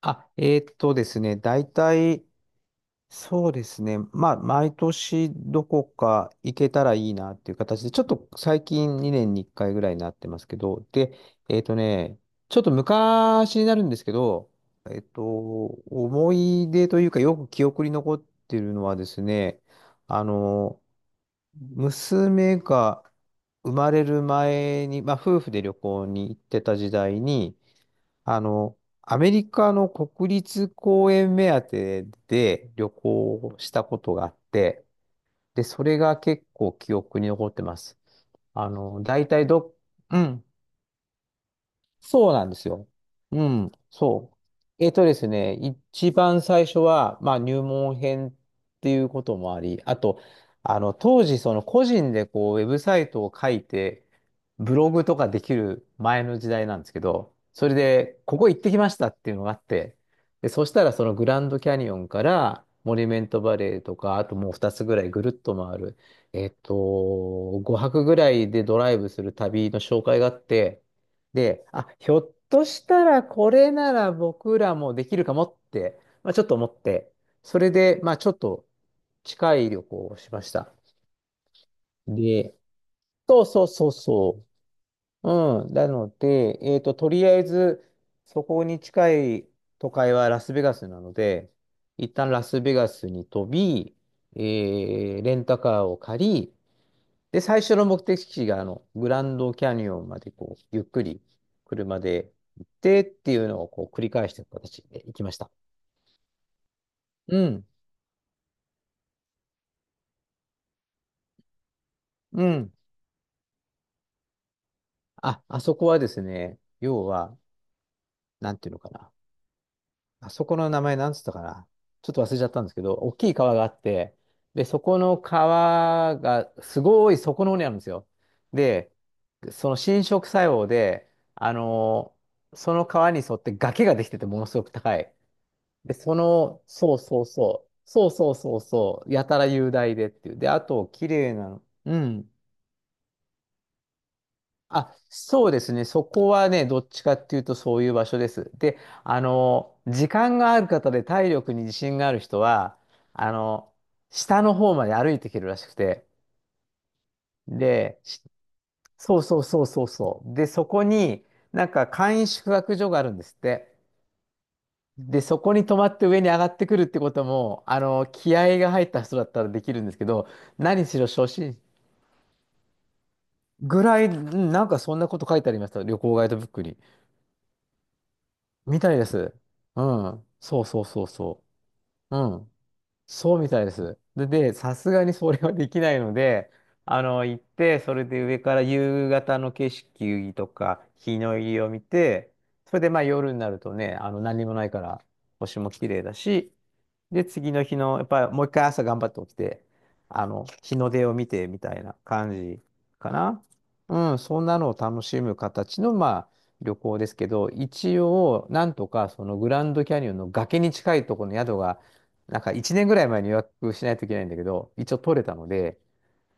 あ、ですね、大体、そうですね、まあ、毎年どこか行けたらいいなっていう形で、ちょっと最近2年に1回ぐらいになってますけど、で、えーっとね、ちょっと昔になるんですけど、思い出というか、よく記憶に残ってるのはですね、あの、娘が生まれる前に、まあ、夫婦で旅行に行ってた時代に、あの、アメリカの国立公園目当てで旅行をしたことがあって、で、それが結構記憶に残ってます。あの、大体ど、うん、そうなんですよ。うん、そう。えっとですね、一番最初は、まあ、入門編っていうこともあり、あと、あの、当時、その個人でこう、ウェブサイトを書いて、ブログとかできる前の時代なんですけど、それで、ここ行ってきましたっていうのがあって、で、そしたらそのグランドキャニオンから、モニュメントバレーとか、あともう2つぐらいぐるっと回る、5泊ぐらいでドライブする旅の紹介があって、で、あ、ひょっとしたらこれなら僕らもできるかもって、まあ、ちょっと思って、それで、まあ、ちょっと近い旅行をしました。で、そうそうそうそう。うん。なので、とりあえず、そこに近い都会はラスベガスなので、一旦ラスベガスに飛び、レンタカーを借り、で、最初の目的地が、あの、グランドキャニオンまで、こう、ゆっくり車で行ってっていうのを、こう、繰り返していく形で行きました。うん、うん。あ、あそこはですね、要は、なんていうのかな。あそこの名前なんつったかな。ちょっと忘れちゃったんですけど、大きい川があって、で、そこの川が、すごいそこの方にあるんですよ。で、その侵食作用で、あのその川に沿って崖ができてて、ものすごく高い。で、その、そうそうそう、そうそうそうそう、やたら雄大でっていう。で、あと、綺麗なの。うん。あ、そうですね。そこはね、どっちかっていうとそういう場所です。で、あの、時間がある方で体力に自信がある人は、あの、下の方まで歩いていけるらしくて。で、しそうそうそうそうそう。で、そこになんか簡易宿泊所があるんですって。で、そこに止まって上に上がってくるってことも、あの、気合が入った人だったらできるんですけど、何しろ初心ぐらい、うんなんかそんなこと書いてありました。旅行ガイドブックに。みたいです。うん。そうそうそうそう。うん。そうみたいです。で、さすがにそれはできないので、あの、行って、それで上から夕方の景色とか、日の入りを見て、それでまあ夜になるとね、あの、何もないから、星も綺麗だし、で、次の日の、やっぱりもう一回朝頑張って起きて、あの、日の出を見てみたいな感じかな。うん、そんなのを楽しむ形の、まあ、旅行ですけど、一応、なんとか、そのグランドキャニオンの崖に近いところの宿が、なんか1年ぐらい前に予約しないといけないんだけど、一応取れたので、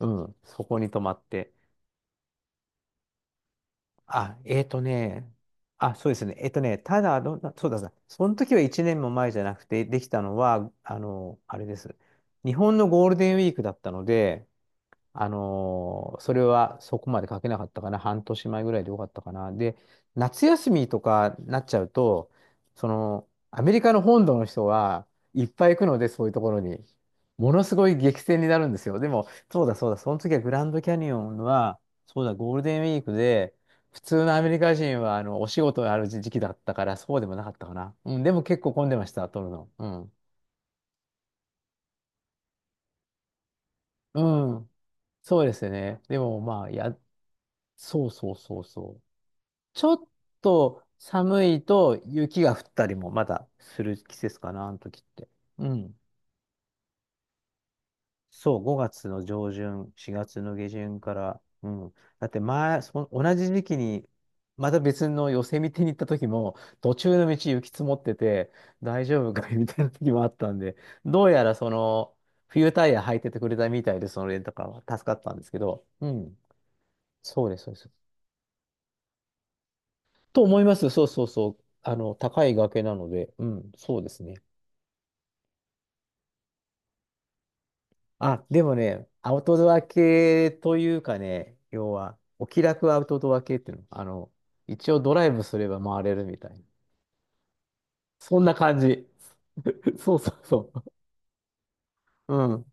うん、そこに泊まって。あ、あ、そうですね。ただ、どんな、そうだそうだ、その時は1年も前じゃなくて、できたのは、あの、あれです。日本のゴールデンウィークだったので、それはそこまで書けなかったかな。半年前ぐらいでよかったかな。で、夏休みとかなっちゃうと、その、アメリカの本土の人はいっぱい行くので、そういうところに。ものすごい激戦になるんですよ。でも、そうだそうだ、その時はグランドキャニオンは、そうだ、ゴールデンウィークで、普通のアメリカ人はあのお仕事がある時期だったから、そうでもなかったかな。うん、でも結構混んでました、撮るの。うん。うん、そうですね。でもまあ、や、そうそうそうそう。ちょっと寒いと雪が降ったりもまだする季節かな、あの時って。うん。そう、5月の上旬、4月の下旬から、うん。だって前、そ同じ時期に、また別の寄せ見てに行った時も、途中の道雪積もってて、大丈夫かいみたいな時もあったんで、どうやらその、冬タイヤ履いててくれたみたいで、そのレンタカーは助かったんですけど、うん。そうです、そうです。と思います。そうそうそう。あの、高い崖なので、うん、そうですね。あ、でもね、アウトドア系というかね、要は、お気楽アウトドア系っていうの、あの、一応ドライブすれば回れるみたいな。そんな感じ。そうそうそう。うん、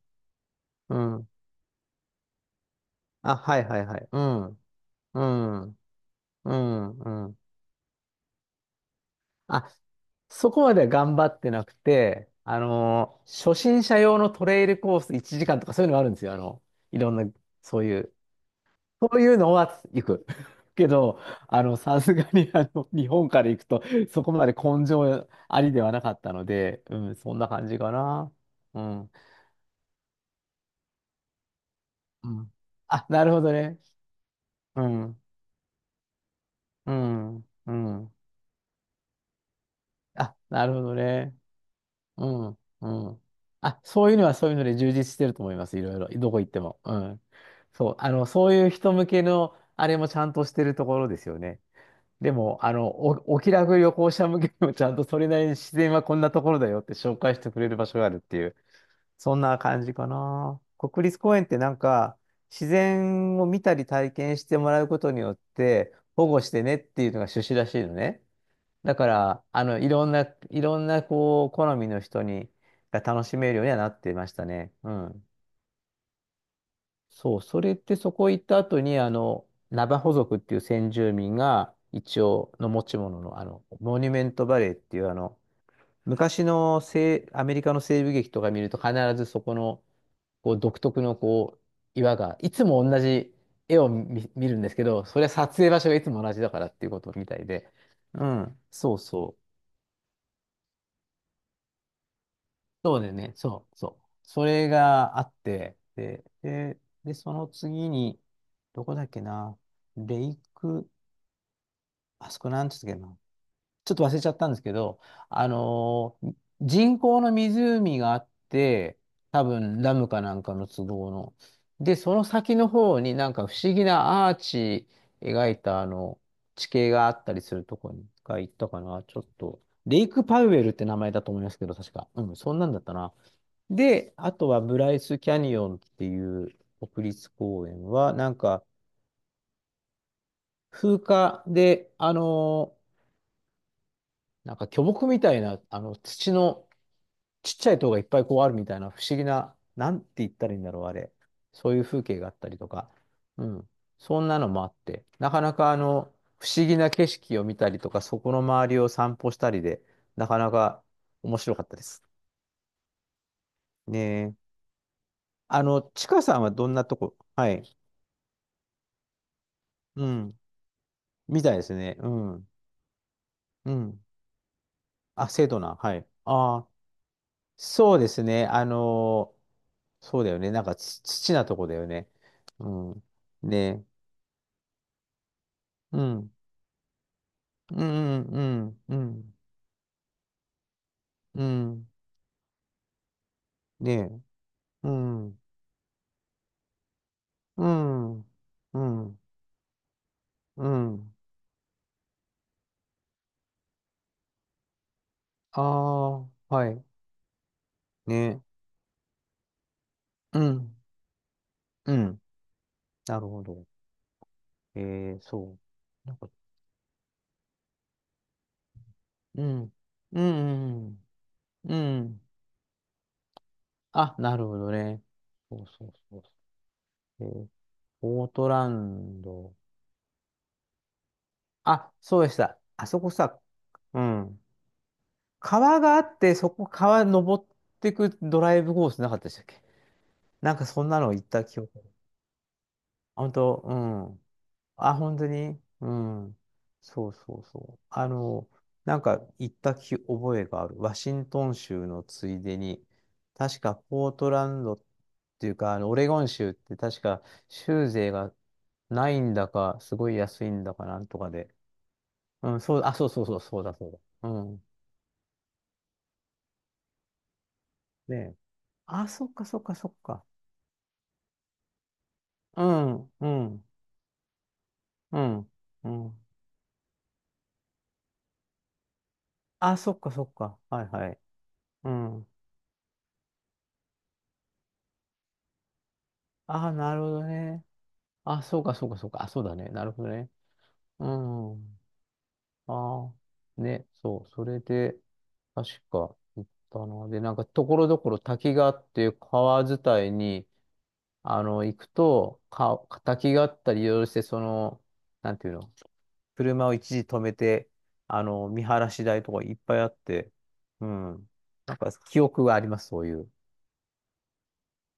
うん。あ、はいはいはい。うん、うん、うん、うん。あ、そこまでは頑張ってなくて、初心者用のトレイルコース1時間とかそういうのがあるんですよ。あの、いろんな、そういう。そういうのは行く。けど、あの、さすがに、あの、日本から行くと、そこまで根性ありではなかったので、うん、そんな感じかな。うん。うん。あ、なるほどね。うん。うん。うん。あ、なるほどね。うん。うん。あ、そういうのはそういうので充実してると思います。いろいろ。どこ行っても。うん。そう。あの、そういう人向けの、あれもちゃんとしてるところですよね。でも、あの、お気楽旅行者向けにもちゃんとそれなりに自然はこんなところだよって 紹介してくれる場所があるっていう、そんな感じかな。国立公園ってなんか、自然を見たり体験してもらうことによって、保護してねっていうのが趣旨らしいのね。だから、あの、いろんな、こう、好みの人に、が楽しめるようにはなってましたね。うん。そう、それってそこ行った後に、あの、ナバホ族っていう先住民が、一応の持ち物の、あの、モニュメントバレーっていう、あの、昔の西、アメリカの西部劇とか見ると必ずそこの、こう、独特の、こう、岩が、いつも同じ絵を見るんですけど、それは撮影場所がいつも同じだからっていうことみたいで、うん、そうそう。そうだよね。そう、そう。それがあって、で、その次に、どこだっけな、レイク、あそこなんつったっけな、ちょっと忘れちゃったんですけど、あのー人工の湖があって、多分ダムかなんかの都合の。で、その先の方になんか不思議なアーチ描いたあの地形があったりするとこに一回行ったかな。ちょっと、レイクパウエルって名前だと思いますけど、確か。うん、そんなんだったな。で、あとはブライスキャニオンっていう国立公園は、なんか風化で、なんか巨木みたいな、あの土のちっちゃい塔がいっぱいこうあるみたいな不思議な、なんて言ったらいいんだろう、あれ。そういう風景があったりとか、うん。そんなのもあって、なかなかあの、不思議な景色を見たりとか、そこの周りを散歩したりで、なかなか面白かったです。ねえ。あの、ちかさんはどんなとこはい。うん。みたいですね。うん。うん。あ、生徒な。はい。ああ、そうですね。そうだよね。なんかち、土なとこだよね。うん。ね。うん。うん、うん、うん、うん。ね。うん、うん、うん、うん。ああ、はい。ね。うん、うん。なるほど。えそう。なんか、うん、うん、うん。うんあ、なるほどね。そうそうそうそう。ポートランド。あ、そうでした。あそこさ、うん。川があって、そこ川登ってくドライブコースなかったでしたっけ？なんかそんなの行った記憶。あ本当、うん。あ、本当にうん。そうそうそう。あの、なんか行った記覚えがある。ワシントン州のついでに、確かポートランドっていうか、あの、オレゴン州って確か州税がないんだか、すごい安いんだかなんとかで。うん、そう、あ、そうそうそう、そうだ、そうだ。うん。ねえ。あ、そっか、そっか、そっか。うん、うん、うん、うん。あ、そっか、そっか。はい、はい。うん。あ、なるほどね。あ、そうか、そうか、そうか。あ、そうだね。なるほどね。うん。ああ、ね、そう。それで、確か、行ったな。で、なんか、ところどころ滝があって、川伝いに、あの、行くと、か、敵があったりいろいろして、その、なんていうの、車を一時止めて、あの、見晴らし台とかいっぱいあって、うん。なんか記憶があります、そういう。